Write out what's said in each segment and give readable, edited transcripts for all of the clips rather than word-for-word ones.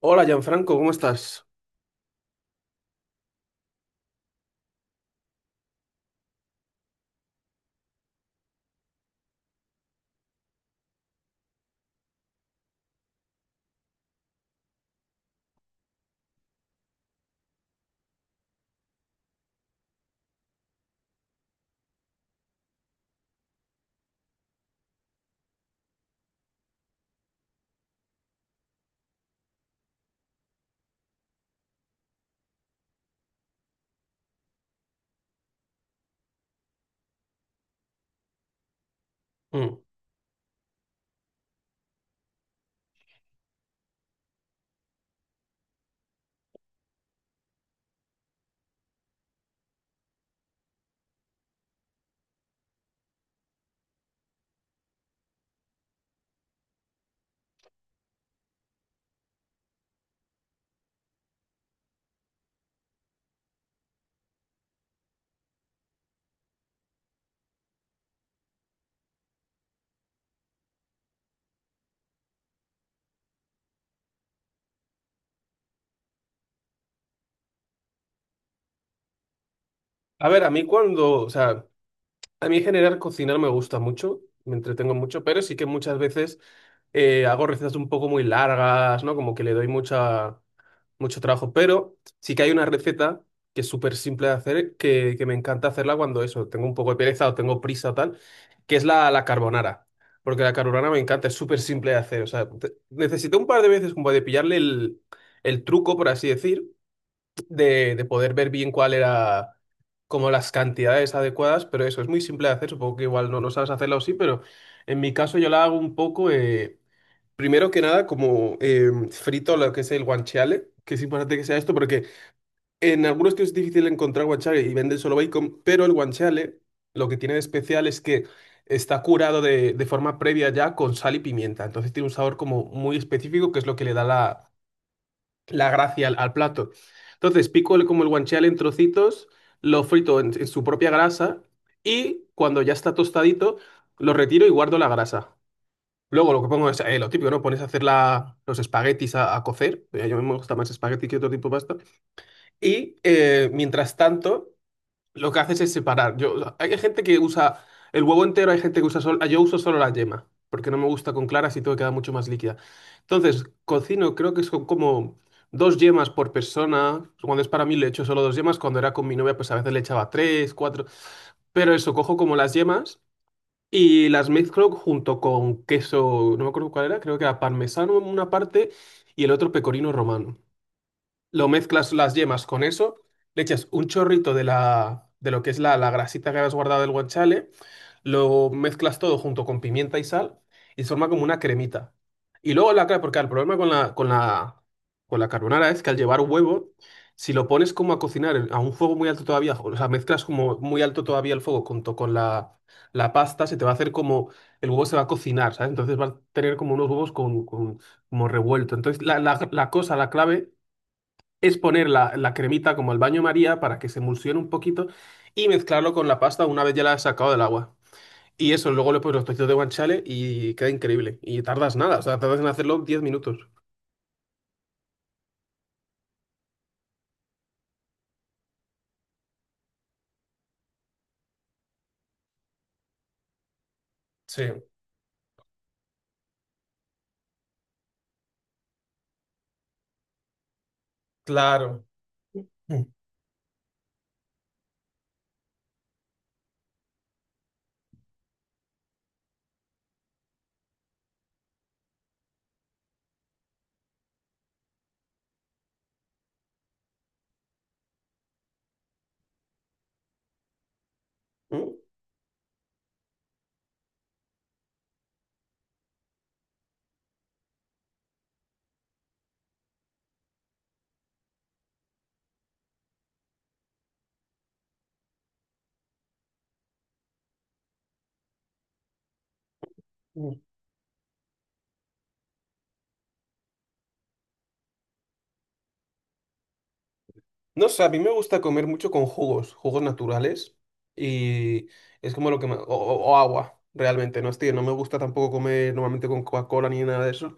Hola, Gianfranco, ¿cómo estás? Mm. A ver, a mí cuando, o sea, a mí en general cocinar me gusta mucho, me entretengo mucho, pero sí que muchas veces hago recetas un poco muy largas, ¿no? Como que le doy mucho trabajo, pero sí que hay una receta que es súper simple de hacer, que me encanta hacerla cuando eso, tengo un poco de pereza o tengo prisa o tal, que es la carbonara. Porque la carbonara me encanta, es súper simple de hacer. O sea, necesité un par de veces como de pillarle el truco, por así decir. De poder ver bien cuál era como las cantidades adecuadas, pero eso es muy simple de hacer, supongo que igual no, no sabes hacerlo sí, pero en mi caso yo la hago un poco, primero que nada como frito lo que es el guanciale, que es importante que sea esto, porque en algunos sitios es difícil encontrar guanciale y venden solo bacon, pero el guanciale lo que tiene de especial es que está curado de forma previa ya con sal y pimienta, entonces tiene un sabor como muy específico que es lo que le da la gracia al plato. Entonces, pico el, como el guanciale en trocitos, lo frito en su propia grasa, y cuando ya está tostadito, lo retiro y guardo la grasa. Luego lo que pongo es lo típico, ¿no? Pones a hacer los espaguetis a cocer. Yo me gusta más espagueti que otro tipo de pasta. Y mientras tanto, lo que haces es separar. Yo, hay gente que usa el huevo entero, hay gente que usa solo. Yo uso solo la yema, porque no me gusta con claras y todo queda mucho más líquida. Entonces, cocino, creo que son como dos yemas por persona. Cuando es para mí le echo solo dos yemas. Cuando era con mi novia, pues a veces le echaba tres, cuatro. Pero eso, cojo como las yemas y las mezclo junto con queso, no me acuerdo cuál era, creo que era parmesano en una parte y el otro pecorino romano, lo mezclas las yemas con eso, le echas un chorrito de de lo que es la grasita que habías guardado del guanciale, lo mezclas todo junto con pimienta y sal y se forma como una cremita. Y luego la clara, porque el problema con con la carbonara es que al llevar huevo, si lo pones como a cocinar a un fuego muy alto todavía, o sea, mezclas como muy alto todavía el fuego junto con la pasta, se te va a hacer como el huevo se va a cocinar, ¿sabes? Entonces va a tener como unos huevos con como revuelto. Entonces la cosa, la clave es poner la cremita como al baño María para que se emulsione un poquito y mezclarlo con la pasta una vez ya la has sacado del agua. Y eso, luego le pones los trocitos de guanciale y queda increíble. Y tardas nada, o sea, tardas en hacerlo diez minutos. Sí, claro. Mm, mm, mm. No sé, a mí me gusta comer mucho con jugos, jugos naturales y es como lo o, o agua, realmente, no estoy, no me gusta tampoco comer normalmente con Coca-Cola ni nada de eso.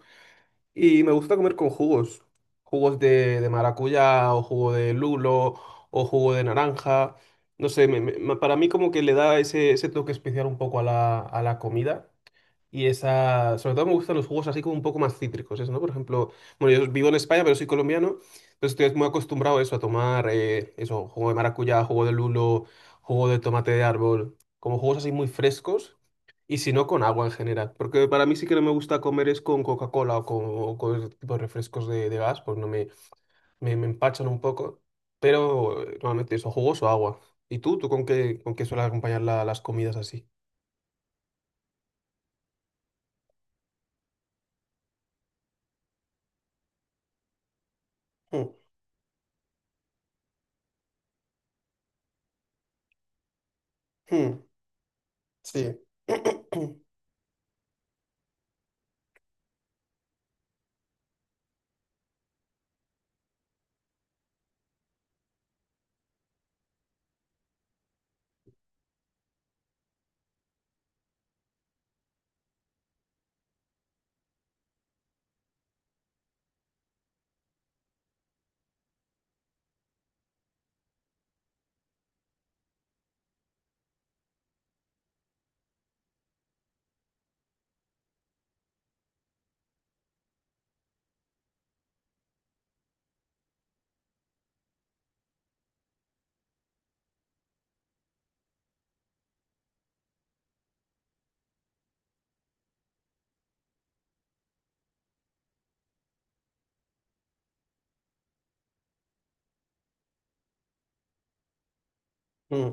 Y me gusta comer con jugos. Jugos de maracuyá o jugo de lulo o jugo de naranja. No sé, para mí como que le da ese, ese toque especial un poco a a la comida. Y esa, sobre todo me gustan los jugos así como un poco más cítricos, eso, ¿no? Por ejemplo, bueno, yo vivo en España, pero soy colombiano, entonces estoy muy acostumbrado a eso, a tomar eso, jugo de maracuyá, jugo de lulo, jugo de tomate de árbol, como jugos así muy frescos, y si no, con agua en general, porque para mí sí que no me gusta comer es con Coca-Cola o con ese tipo de refrescos de gas, pues no me empachan un poco, pero normalmente eso, jugos o agua. ¿Y tú? ¿Tú con qué sueles acompañar las comidas así? Mm, mm, sí. Mm.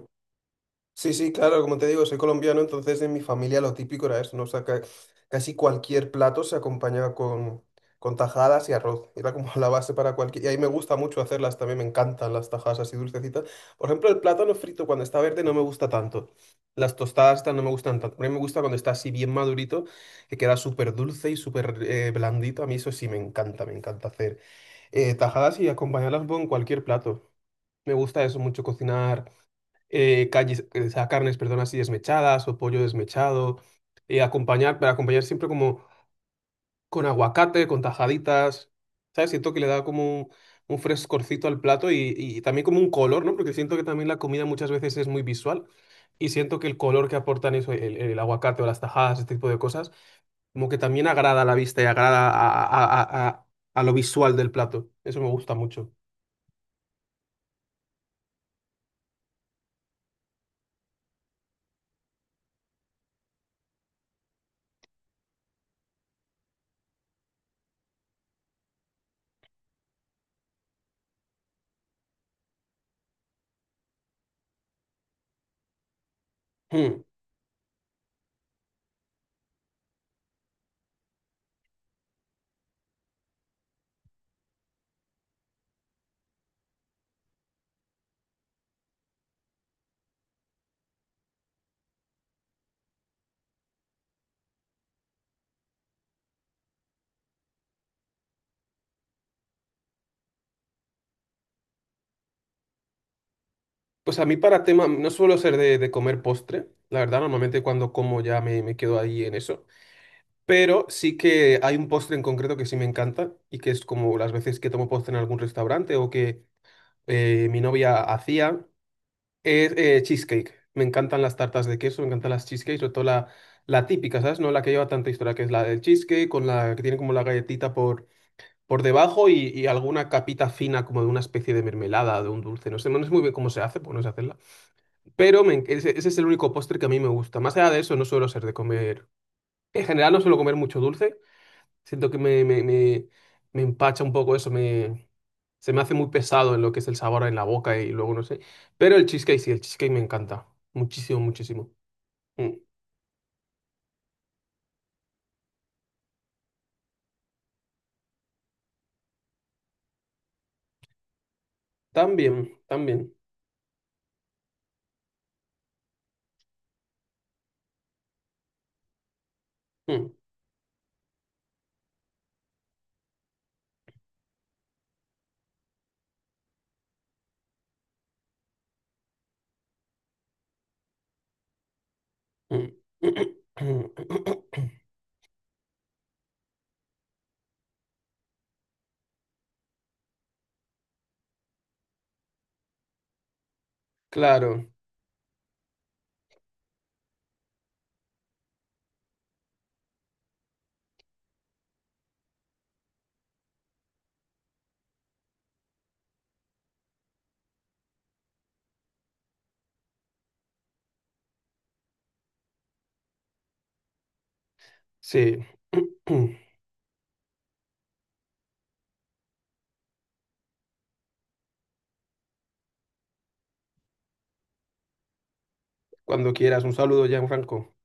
Sí, sí, claro, como te digo, soy colombiano, entonces en mi familia lo típico era eso, ¿no? O sea, casi cualquier plato se acompañaba con tajadas y arroz. Era como la base para cualquier... Y ahí me gusta mucho hacerlas también, me encantan las tajadas así dulcecitas. Por ejemplo, el plátano frito cuando está verde no me gusta tanto. Las tostadas estas no me gustan tanto. A mí me gusta cuando está así bien madurito, que queda súper dulce y súper blandito. A mí eso sí me encanta hacer tajadas y acompañarlas con cualquier plato. Me gusta eso mucho, cocinar o sea, carnes, perdón, así desmechadas o pollo desmechado, acompañar, para acompañar siempre como con aguacate, con tajaditas, ¿sabes? Siento que le da como un frescorcito al plato y también como un color, ¿no? Porque siento que también la comida muchas veces es muy visual y siento que el color que aportan eso, el aguacate o las tajadas, ese tipo de cosas, como que también agrada a la vista y agrada a lo visual del plato. Eso me gusta mucho. Hmm. Pues a mí para tema, no suelo ser de comer postre, la verdad, normalmente cuando como ya me quedo ahí en eso, pero sí que hay un postre en concreto que sí me encanta y que es como las veces que tomo postre en algún restaurante o que mi novia hacía, es cheesecake. Me encantan las tartas de queso, me encantan las cheesecakes, sobre todo la típica, ¿sabes? No la que lleva tanta historia, que es la del cheesecake, con la que tiene como la galletita por debajo y alguna capita fina como de una especie de mermelada, de un dulce, no sé, no sé muy bien cómo se hace, porque no sé hacerla, pero ese, ese es el único postre que a mí me gusta. Más allá de eso, no suelo ser de comer. En general, no suelo comer mucho dulce. Siento que me empacha un poco eso. Me, se me hace muy pesado en lo que es el sabor en la boca y luego no sé. Pero el cheesecake sí, el cheesecake me encanta. Muchísimo, muchísimo. Mm. También, también. Mm, mm. Claro, sí. Cuando quieras, un saludo, Gianfranco.